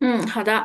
嗯，好的。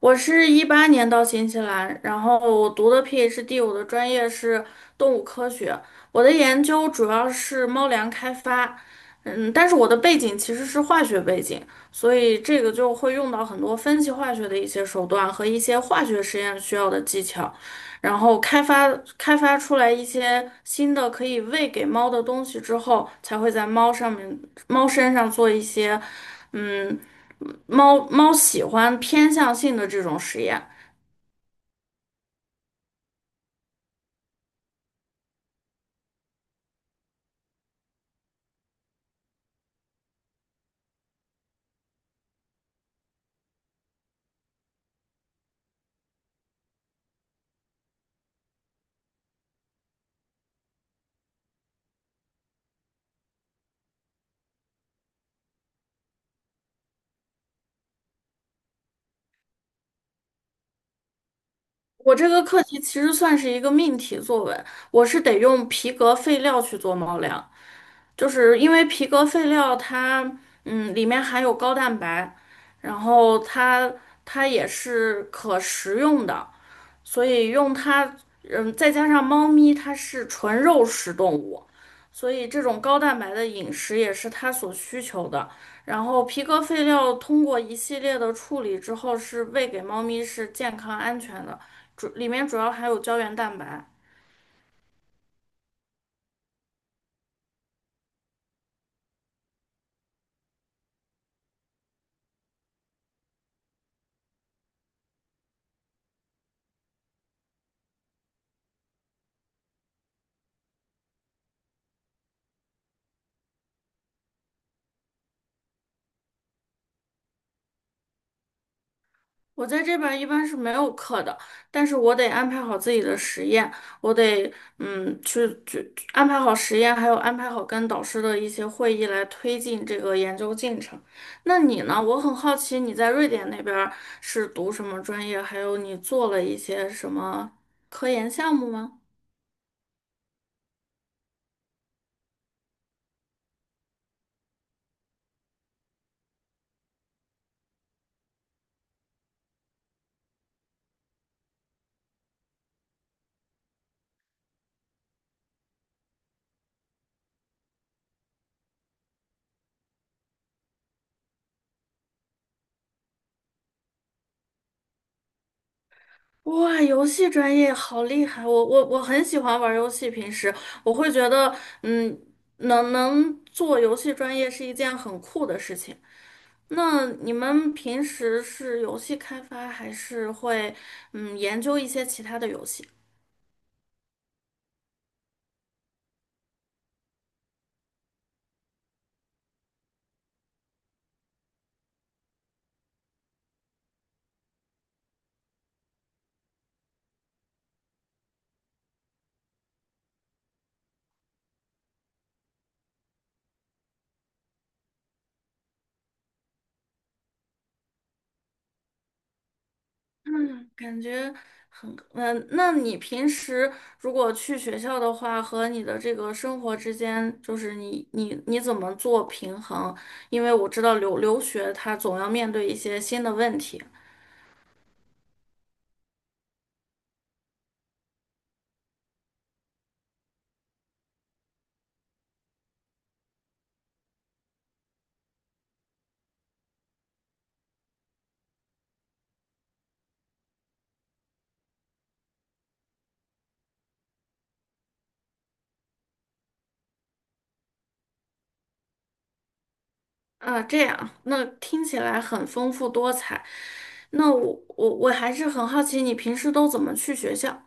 我是2018年到新西兰，然后我读的 PhD，我的专业是动物科学，我的研究主要是猫粮开发。但是我的背景其实是化学背景，所以这个就会用到很多分析化学的一些手段和一些化学实验需要的技巧，然后开发出来一些新的可以喂给猫的东西之后，才会在猫身上做一些，嗯。猫猫喜欢偏向性的这种实验。我这个课题其实算是一个命题作文，我是得用皮革废料去做猫粮，就是因为皮革废料它里面含有高蛋白，然后它也是可食用的，所以用它，再加上猫咪它是纯肉食动物，所以这种高蛋白的饮食也是它所需求的。然后皮革废料通过一系列的处理之后，是喂给猫咪是健康安全的，里面主要含有胶原蛋白。我在这边儿一般是没有课的，但是我得安排好自己的实验，我得去安排好实验，还有安排好跟导师的一些会议来推进这个研究进程。那你呢？我很好奇你在瑞典那边儿是读什么专业，还有你做了一些什么科研项目吗？哇，游戏专业好厉害！我很喜欢玩游戏，平时我会觉得嗯能做游戏专业是一件很酷的事情。那你们平时是游戏开发，还是会研究一些其他的游戏？嗯，感觉很嗯。那你平时如果去学校的话，和你的这个生活之间，就是你怎么做平衡？因为我知道留学他总要面对一些新的问题。啊，这样，那听起来很丰富多彩。那我还是很好奇，你平时都怎么去学校？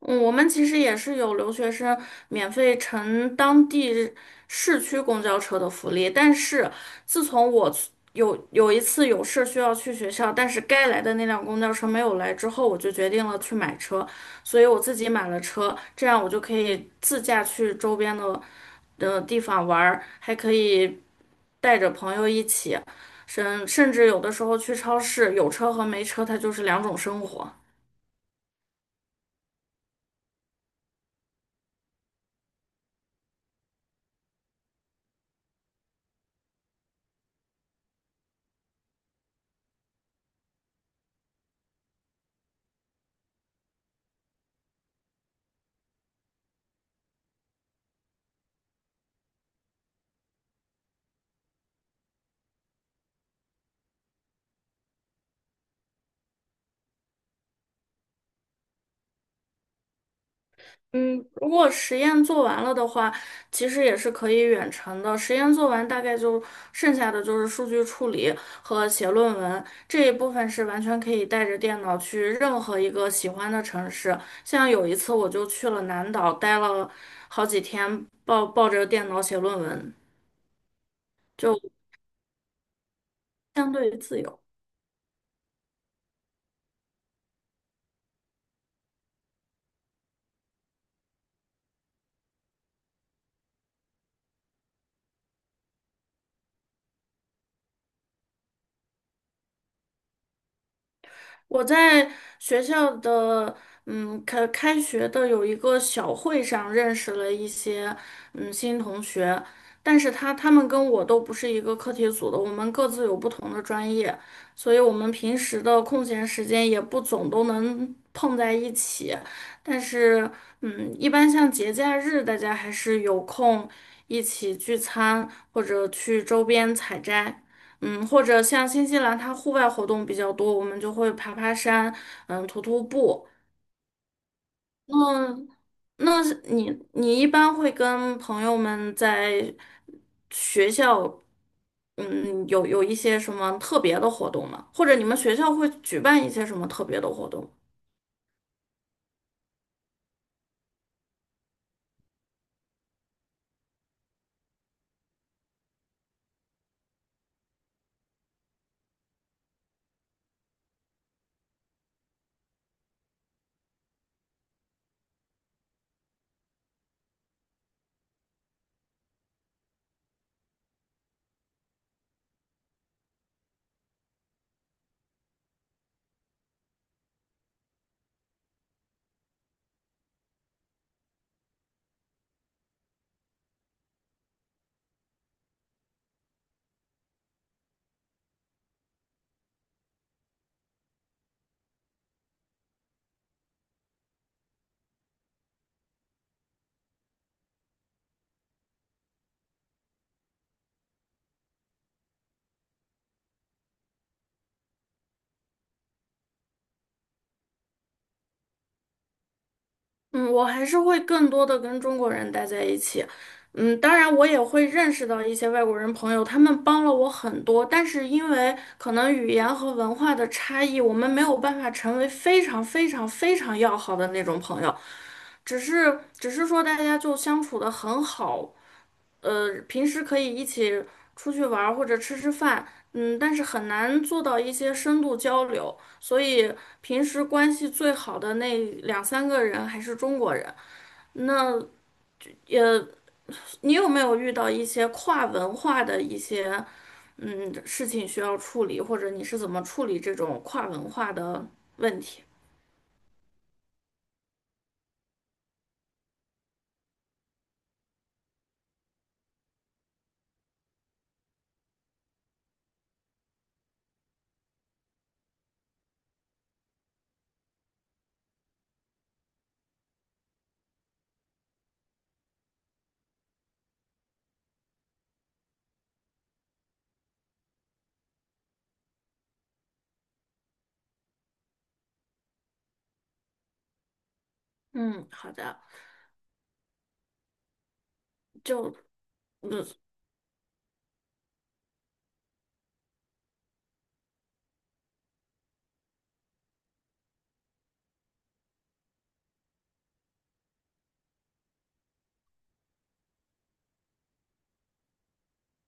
嗯，我们其实也是有留学生免费乘当地市区公交车的福利，但是自从我去有一次有事需要去学校，但是该来的那辆公交车没有来之后，我就决定了去买车，所以我自己买了车，这样我就可以自驾去周边的地方玩儿，还可以带着朋友一起，甚至有的时候去超市，有车和没车，它就是两种生活。嗯，如果实验做完了的话，其实也是可以远程的。实验做完，大概就剩下的就是数据处理和写论文这一部分是完全可以带着电脑去任何一个喜欢的城市。像有一次我就去了南岛，待了好几天，抱着电脑写论文，就相对于自由。我在学校的，嗯，开学的有一个小会上认识了一些，嗯，新同学，但是他们跟我都不是一个课题组的，我们各自有不同的专业，所以我们平时的空闲时间也不总都能碰在一起，但是，嗯，一般像节假日，大家还是有空一起聚餐或者去周边采摘。嗯，或者像新西兰，它户外活动比较多，我们就会爬爬山，嗯，徒步那，那是你你一般会跟朋友们在学校，嗯，有一些什么特别的活动吗？或者你们学校会举办一些什么特别的活动吗？嗯，我还是会更多的跟中国人待在一起。嗯，当然我也会认识到一些外国人朋友，他们帮了我很多，但是因为可能语言和文化的差异，我们没有办法成为非常非常非常要好的那种朋友，只是说大家就相处的很好，平时可以一起出去玩儿或者吃吃饭，嗯，但是很难做到一些深度交流，所以平时关系最好的那两三个人还是中国人。那你有没有遇到一些跨文化的一些事情需要处理，或者你是怎么处理这种跨文化的问题？嗯，好的，就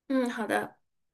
嗯好的。